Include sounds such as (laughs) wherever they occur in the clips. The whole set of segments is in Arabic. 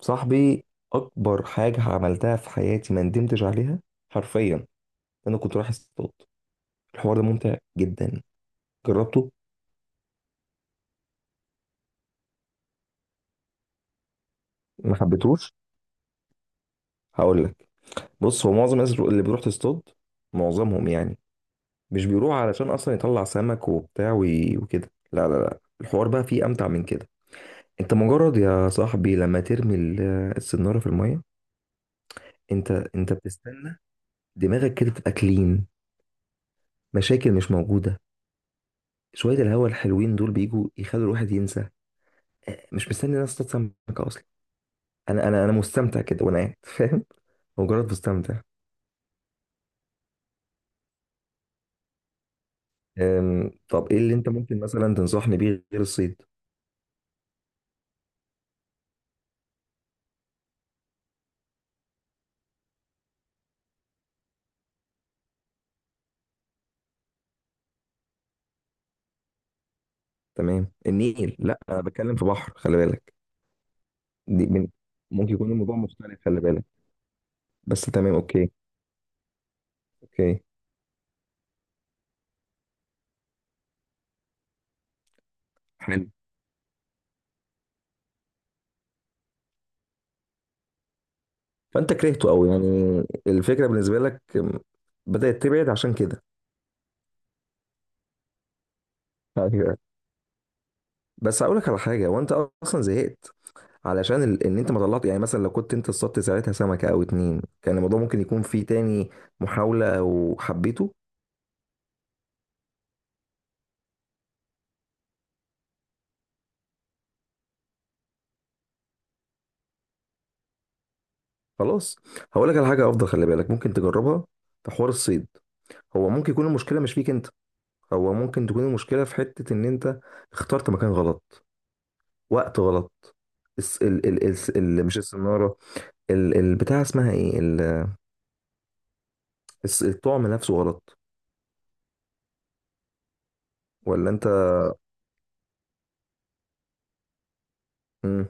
صاحبي، اكبر حاجه عملتها في حياتي ما ندمتش عليها حرفيا. انا كنت رايح اصطاد. الحوار ده ممتع جدا. جربته. ما حبيتهوش. هقول لك. بص، هو معظم الناس اللي بيروح تصطاد، معظمهم يعني، مش بيروح علشان اصلا يطلع سمك وبتاع وكده. لا، لا، لا، الحوار بقى فيه امتع من كده. انت مجرد يا صاحبي لما ترمي السناره في الميه، انت بتستنى، دماغك كده تبقى كلين، مشاكل مش موجوده، شويه الهوا الحلوين دول بيجوا يخلوا الواحد ينسى، مش مستني الناس تتصل بك اصلا. انا مستمتع كده وانا قاعد فاهم. (laughs) مجرد مستمتع. طب ايه اللي انت ممكن مثلا تنصحني بيه غير الصيد؟ تمام، النيل لا، انا بتكلم في بحر، خلي بالك. دي من، ممكن يكون الموضوع مختلف، خلي بالك. بس تمام، اوكي. اوكي. حلو. فانت كرهته قوي يعني؟ الفكره بالنسبه لك بدات تبعد عشان كده؟ (laughs) أيوة. بس هقول لك على حاجه، وانت اصلا زهقت علشان ان انت ما طلعت. يعني مثلا لو كنت انت اصطدت ساعتها سمكه او اتنين، كان الموضوع ممكن يكون فيه تاني محاوله او حبيته. خلاص، هقول لك على حاجه افضل خلي بالك ممكن تجربها في حوار الصيد. هو ممكن يكون المشكله مش فيك انت، هو ممكن تكون المشكله في حته ان انت اخترت مكان غلط، وقت غلط، الس... ال... ال... الس- ال... مش السناره، البتاع اسمها ايه الطعم نفسه غلط. ولا انت؟ مم.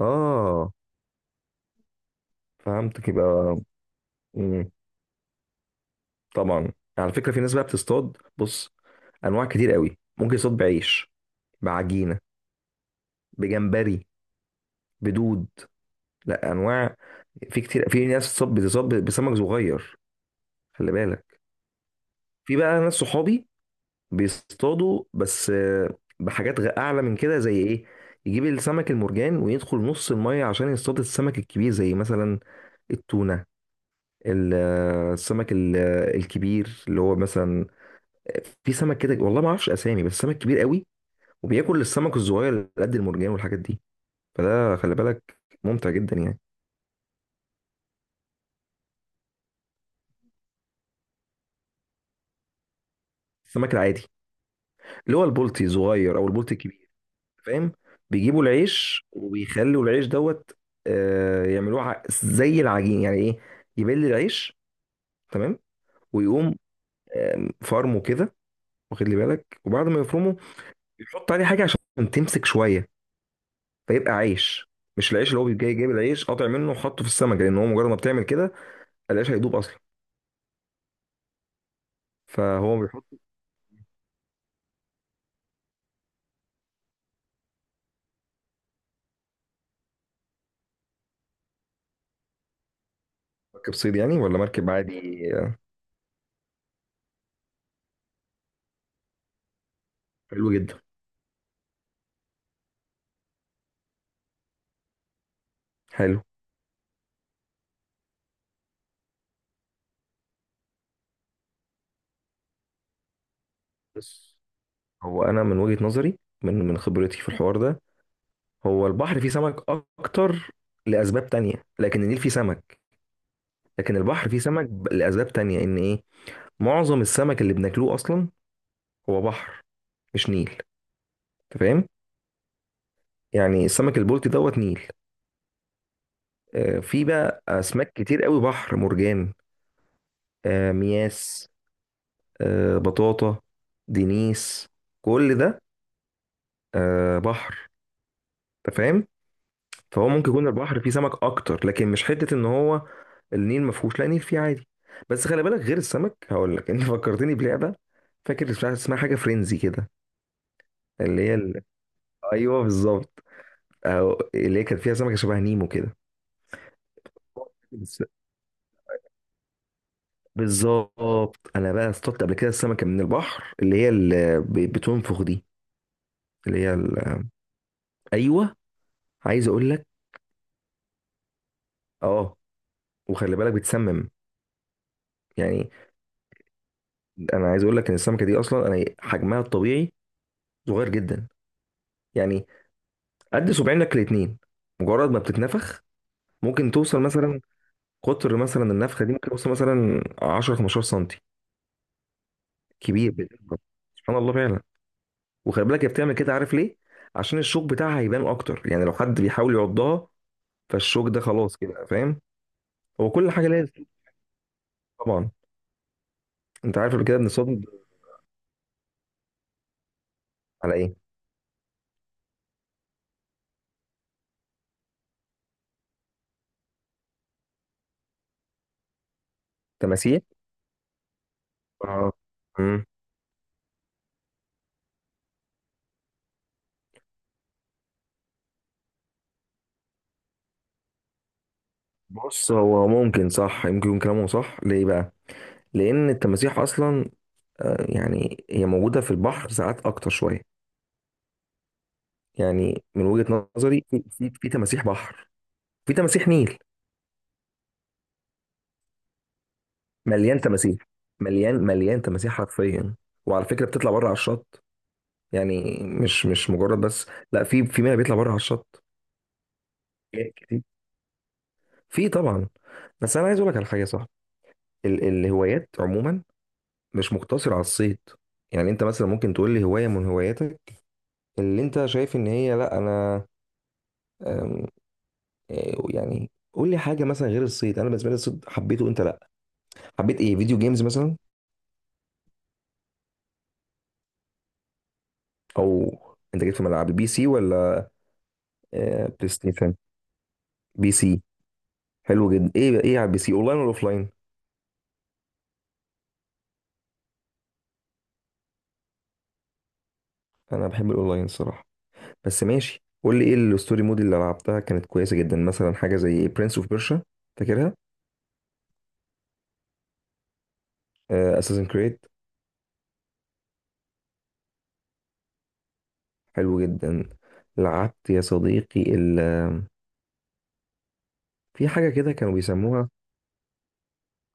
اه، فهمتك يبقى. مم. طبعا. على فكره في ناس بقى بتصطاد، بص، انواع كتير قوي، ممكن يصطاد بعيش، بعجينه، بجمبري، بدود، لا انواع. في كتير، في ناس بتصطاد بسمك صغير، خلي بالك. في بقى ناس صحابي بيصطادوا بس بحاجات اعلى من كده، زي ايه، يجيب السمك المرجان ويدخل نص الميه عشان يصطاد السمك الكبير، زي مثلا التونه، السمك الكبير اللي هو مثلا، في سمك كده والله ما اعرفش اسامي بس سمك كبير قوي وبياكل السمك الصغير اللي قد المرجان والحاجات دي. فده خلي بالك ممتع جدا يعني. السمك العادي اللي هو البلطي صغير او البلطي الكبير، فاهم، بيجيبوا العيش وبيخلوا العيش دوت، آه، يعملوه زي العجين، يعني ايه، يبل العيش، تمام، ويقوم فرمه كده، واخد لي بالك، وبعد ما يفرمه يحط عليه حاجه عشان تمسك شويه، فيبقى عيش. مش العيش اللي هو جاي جايب العيش قاطع منه وحطه في السمك، لان هو مجرد ما بتعمل كده العيش هيدوب اصلا. فهو مركب صيد يعني ولا مركب عادي؟ حلو جدا. حلو. بس هو انا من وجهة نظري، من خبرتي في الحوار ده، هو البحر فيه سمك اكتر لاسباب تانية، لكن النيل فيه سمك، لكن البحر فيه سمك لاسباب تانية، ان ايه، معظم السمك اللي بناكلوه اصلا هو بحر، مش نيل، انت فاهم. يعني السمك البلطي دوت نيل. في بقى اسماك كتير قوي بحر، مرجان، مياس، بطاطا، دينيس، كل ده بحر، انت فاهم. فهو ممكن يكون البحر فيه سمك اكتر، لكن مش حته ان هو النيل ما فيهوش، لا، النيل فيه عادي. بس خلي بالك غير السمك هقول لك. (laughs) انت فكرتني بلعبه، فاكر اسمها حاجه فرينزي كده، اللي هي ايوه بالظبط، أو اللي هي كانت فيها سمكه شبه نيمو كده. بس- بالظبط، انا بقى اصطدت قبل كده السمكه من البحر اللي هي اللي بتنفخ دي، اللي هي ايوه، عايز اقول لك اه، وخلي بالك بتسمم يعني. انا عايز اقول لك ان السمكه دي اصلا انا حجمها الطبيعي صغير جدا، يعني قد صباعينك الاتنين، مجرد ما بتتنفخ ممكن توصل مثلا، قطر مثلا النفخه دي ممكن توصل مثلا 10 15 سنتي، كبير بتكبر. سبحان الله فعلا. وخلي بالك هي بتعمل كده عارف ليه، عشان الشوك بتاعها هيبان اكتر، يعني لو حد بيحاول يعضها فالشوك ده خلاص كده، فاهم. هو كل حاجه لازم، طبعا. انت عارف قبل كده بنصطدم على ايه؟ تماسيح، آه. مم. بص، هو ممكن صح، يمكن يكون كلامه صح. ليه بقى؟ لان التماسيح اصلا يعني هي موجوده في البحر ساعات اكتر شويه، يعني من وجهة نظري في في تماسيح بحر، في تماسيح نيل. مليان تماسيح، مليان تماسيح حرفيا. وعلى فكرة بتطلع بره على الشط، يعني مش مجرد بس، لا في في منها بيطلع بره على الشط. كتير. في طبعا. بس انا عايز اقول لك على حاجه صح، ال الهوايات عموما مش مقتصره على الصيد. يعني انت مثلا ممكن تقول لي هوايه من هواياتك اللي انت شايف ان هي، لا انا أم، يعني قول لي حاجه مثلا غير الصيد. انا بالنسبه لي الصيد حبيته، انت لا، حبيت ايه، فيديو جيمز مثلا، او انت جيت في ملعب بي سي ولا بلاي ستيشن؟ بي سي، حلو جدا. ايه ايه على البي سي، اونلاين ولا اوفلاين؟ انا بحب الاونلاين الصراحه. بس ماشي، قول لي ايه الستوري مود اللي لعبتها كانت كويسه جدا، مثلا حاجه زي برنس اوف بيرشا، فاكرها؟ اساسن كريد، حلو جدا. لعبت يا صديقي ال آه، في حاجه كده كانوا بيسموها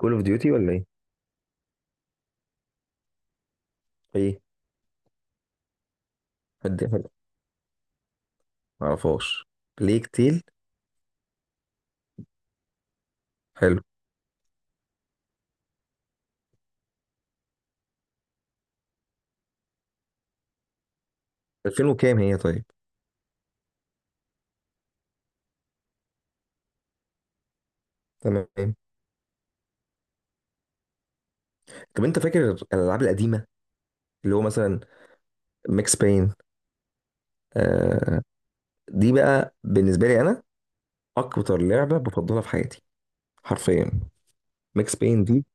كول اوف ديوتي ولا ايه؟ ايه، حد معرفهاش، ليك تيل. حلو. 2000 وكام هي طيب؟ تمام. طب انت فاكر الالعاب القديمه اللي هو مثلا ماكس باين؟ آه. دي بقى بالنسبه لي انا اكتر لعبه بفضلها في حياتي، حرفيا. ماكس باين دي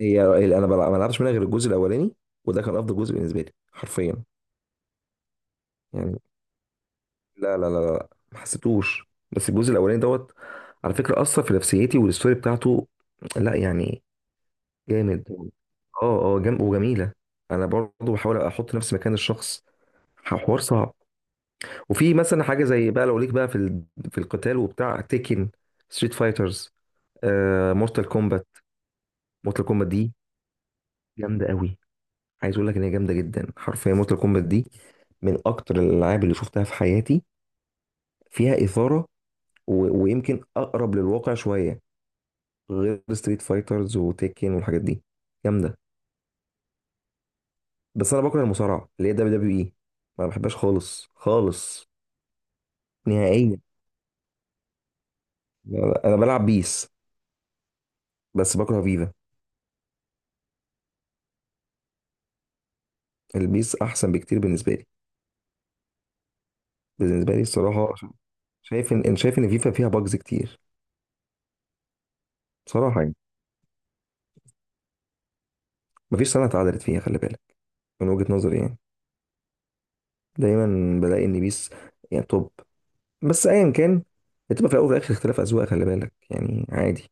هي اللي انا ما لعبتش منها غير الجزء الاولاني، وده كان افضل جزء بالنسبه لي حرفيا يعني. لا، ما حسيتوش، بس الجزء الاولاني دوت على فكره اثر في نفسيتي، والستوري بتاعته لا يعني جامد. وجميله. انا برضو بحاول احط نفسي مكان الشخص، حوار صعب. وفي مثلا حاجه زي بقى لو ليك بقى في في القتال وبتاع، تيكن، ستريت فايترز، آه مورتال كومبات. مورتال كومبات دي جامده قوي. عايز اقول لك ان هي جامده جدا حرفيا. مورتال كومبات دي من اكتر الالعاب اللي شفتها في حياتي، فيها اثاره و... ويمكن اقرب للواقع شويه، غير ستريت فايترز وتيكن والحاجات دي. جامده. بس انا بكره المصارعه اللي هي دبليو دبليو اي، ما بحبهاش خالص خالص، نهائيا. انا بلعب بيس بس بكره فيفا. البيس احسن بكتير بالنسبه لي، بالنسبه لي الصراحه، عشان شايف ان، إن شايف ان فيفا فيها باجز كتير. بصراحه يعني مفيش سنه اتعدلت فيها، خلي بالك، من وجهه نظري يعني. دايما بلاقي ان بيس يعني توب. بس ايا كان، بتبقى في الاول وفي الاخر اختلاف اذواق، خلي بالك يعني، عادي.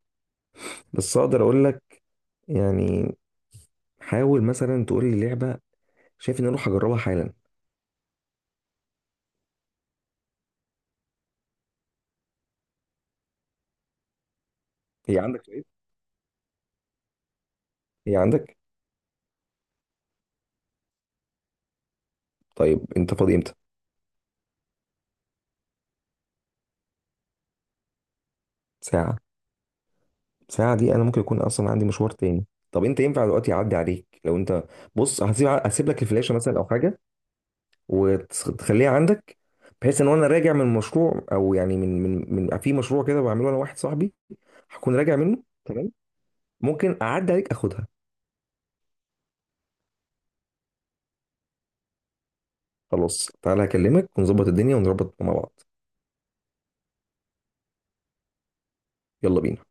بس اقدر اقول لك يعني، حاول مثلا تقول لي لعبه شايف ان انا اروح اجربها حالا. هي عندك؟ طيب، هي عندك. طيب انت فاضي امتى؟ ساعه؟ ساعه دي انا ممكن يكون اصلا عندي مشوار تاني. طب انت ينفع دلوقتي اعدي عليك؟ لو انت، بص، هسيب لك الفلاشه مثلا او حاجه وتخليها عندك، بحيث ان وانا راجع من المشروع، او يعني من في مشروع كده بعمله انا واحد صاحبي، هكون راجع منه تمام، ممكن اعدي عليك اخدها. خلاص، تعالى اكلمك ونظبط الدنيا ونظبط مع بعض. يلا بينا.